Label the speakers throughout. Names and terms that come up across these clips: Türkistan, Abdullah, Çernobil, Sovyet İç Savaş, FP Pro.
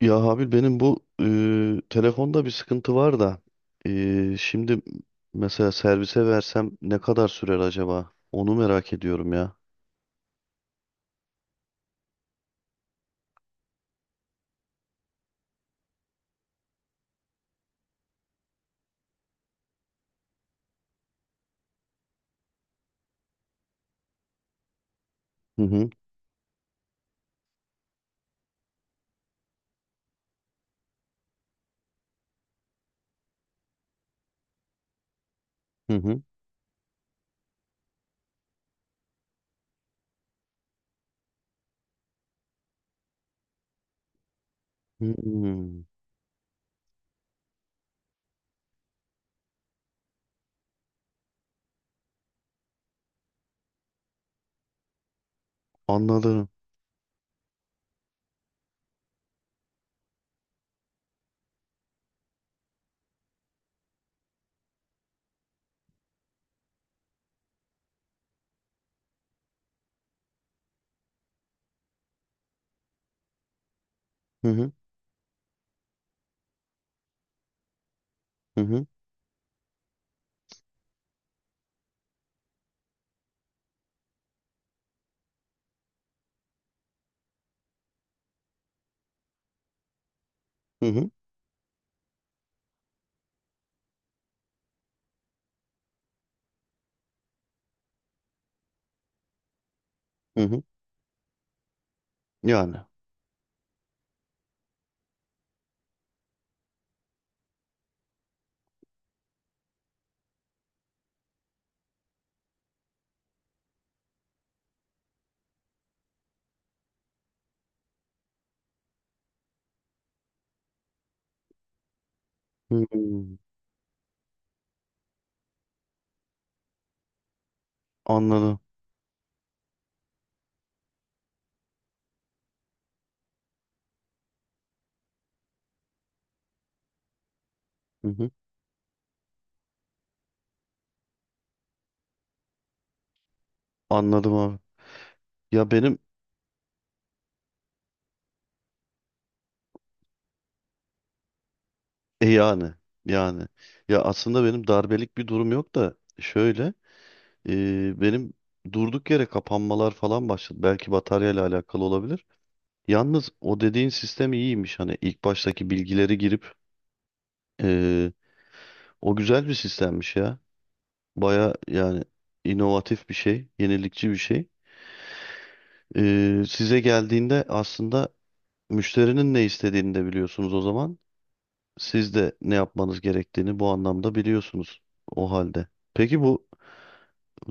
Speaker 1: Ya Habil benim bu telefonda bir sıkıntı var da şimdi mesela servise versem ne kadar sürer acaba? Onu merak ediyorum ya. Hı hı. Hı hı. Hmm, anladım. Hı hı. Hı hı. Hı hı. Hı hı. Yani. Hmm, anladım. Hı hı. Anladım abi. Ya benim, e yani yani ya aslında benim darbelik bir durum yok da şöyle benim durduk yere kapanmalar falan başladı. Belki bataryayla alakalı olabilir. Yalnız o dediğin sistem iyiymiş. Hani ilk baştaki bilgileri girip eee, o güzel bir sistemmiş ya. Baya yani inovatif bir şey, yenilikçi bir şey. Size geldiğinde aslında müşterinin ne istediğini de biliyorsunuz o zaman. Siz de ne yapmanız gerektiğini bu anlamda biliyorsunuz o halde. Peki bu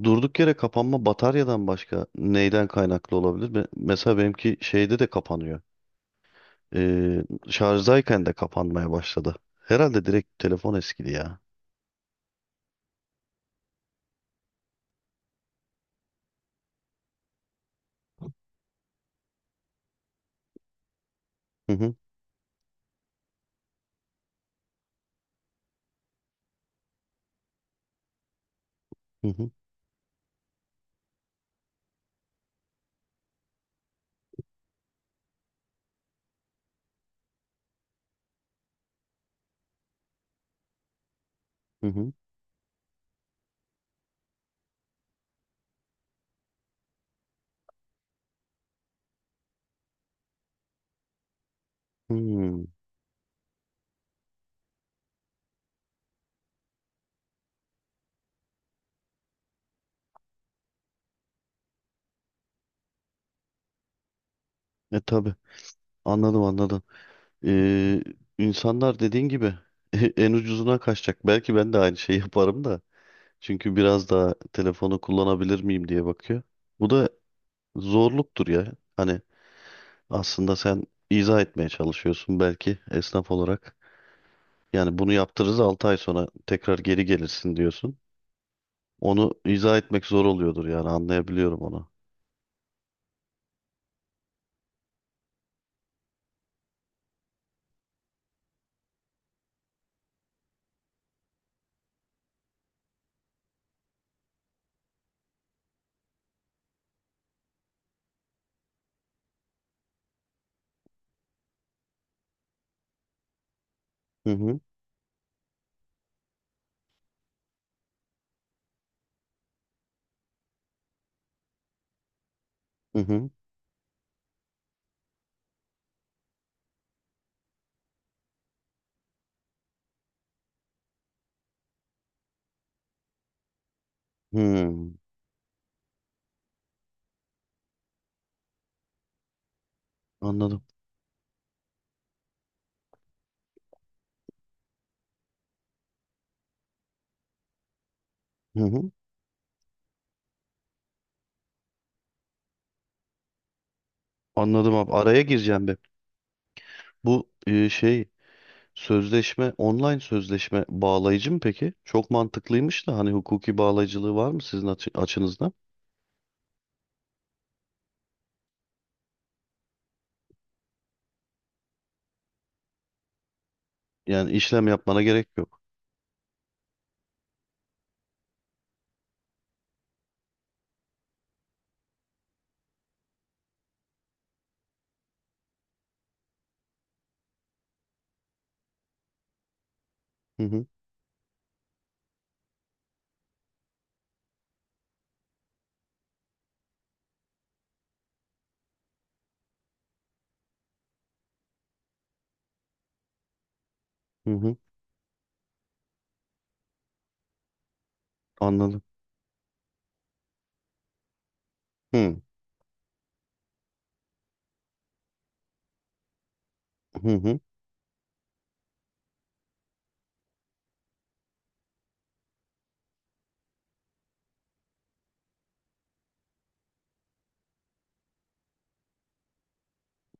Speaker 1: durduk yere kapanma bataryadan başka neyden kaynaklı olabilir? Mesela benimki şeyde de kapanıyor. Ee, Şarjdayken de kapanmaya başladı. Herhalde direkt telefon eskidi ya. Hı hı. Hı hı. Hı hı. Hmm. E tabii, anladım, anladım. Ee, insanlar dediğin gibi en ucuzuna kaçacak. Belki ben de aynı şeyi yaparım da. Çünkü biraz daha telefonu kullanabilir miyim diye bakıyor. Bu da zorluktur ya. Hani aslında sen izah etmeye çalışıyorsun belki esnaf olarak. Yani bunu yaptırırız 6 ay sonra tekrar geri gelirsin diyorsun. Onu izah etmek zor oluyordur yani anlayabiliyorum onu. Hı hı. Hı hı. Hmm, anladım. Hı hı. Anladım abi. Araya gireceğim be. Bu şey sözleşme, online sözleşme bağlayıcı mı peki? Çok mantıklıymış da hani hukuki bağlayıcılığı var mı sizin açınızdan? Yani işlem yapmana gerek yok. Hı hı. Hı hı. Anladım. Hı hı. Hı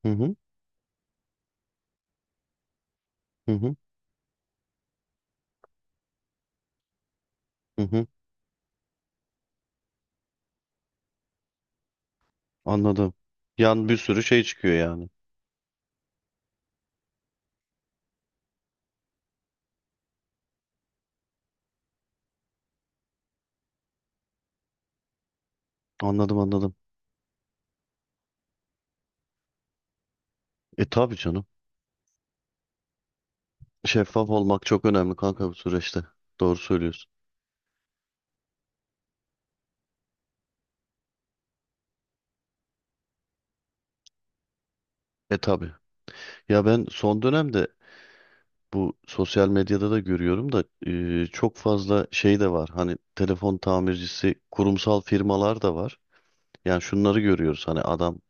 Speaker 1: hı. Hı hı. Hı. Hı hı. Anladım. Yani bir sürü şey çıkıyor yani. Anladım, anladım. E tabii canım. Şeffaf olmak çok önemli kanka bu süreçte. Doğru söylüyorsun. E tabii. Ya ben son dönemde bu sosyal medyada da görüyorum da çok fazla şey de var. Hani telefon tamircisi kurumsal firmalar da var. Yani şunları görüyoruz. Hani adam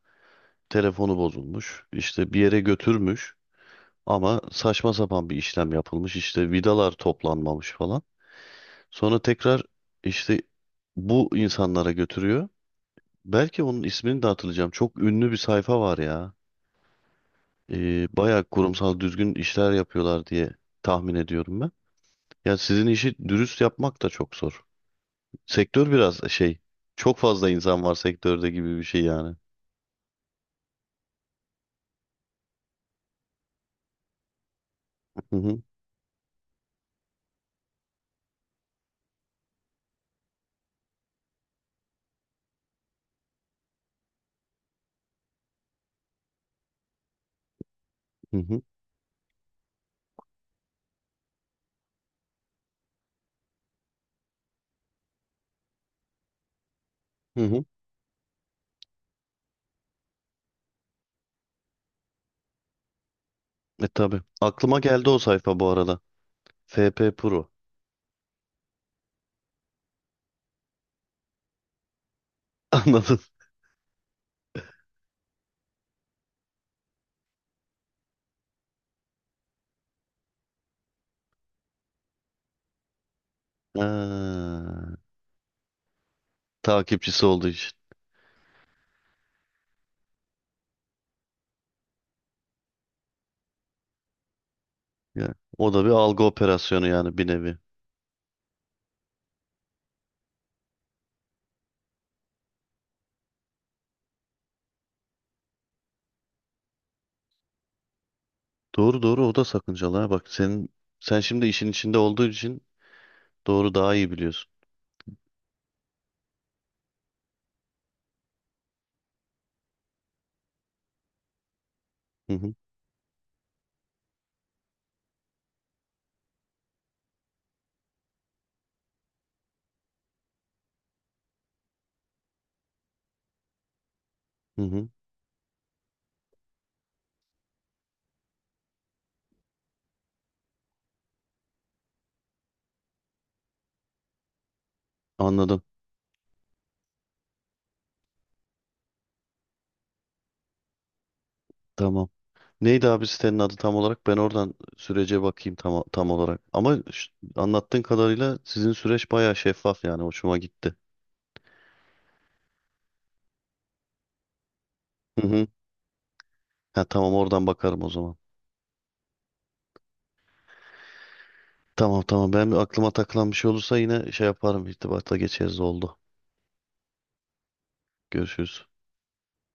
Speaker 1: telefonu bozulmuş, işte bir yere götürmüş ama saçma sapan bir işlem yapılmış. İşte vidalar toplanmamış falan. Sonra tekrar işte bu insanlara götürüyor. Belki onun ismini de hatırlayacağım. Çok ünlü bir sayfa var ya. Bayağı kurumsal düzgün işler yapıyorlar diye tahmin ediyorum ben. Ya sizin işi dürüst yapmak da çok zor. Sektör biraz şey, çok fazla insan var sektörde gibi bir şey yani. Hı hı. Hı hı. hı hı. E tabii. Aklıma geldi o sayfa bu arada. FP Pro. Anladın? Ha, takipçisi olduğu için. Ya, o da bir algı operasyonu yani bir nevi. Doğru doğru, o da sakıncalı. Ha. Bak senin Sen şimdi işin içinde olduğu için doğru daha iyi biliyorsun. Hı hı. Hı hı. Anladım. Tamam. Neydi abi sitenin adı tam olarak? Ben oradan sürece bakayım tam olarak. Ama anlattığın kadarıyla sizin süreç bayağı şeffaf, yani hoşuma gitti. Hı hı. Ha, tamam, oradan bakarım o zaman. Tamam tamam, ben aklıma takılan bir şey olursa yine şey yaparım, irtibata geçeriz, oldu. Görüşürüz.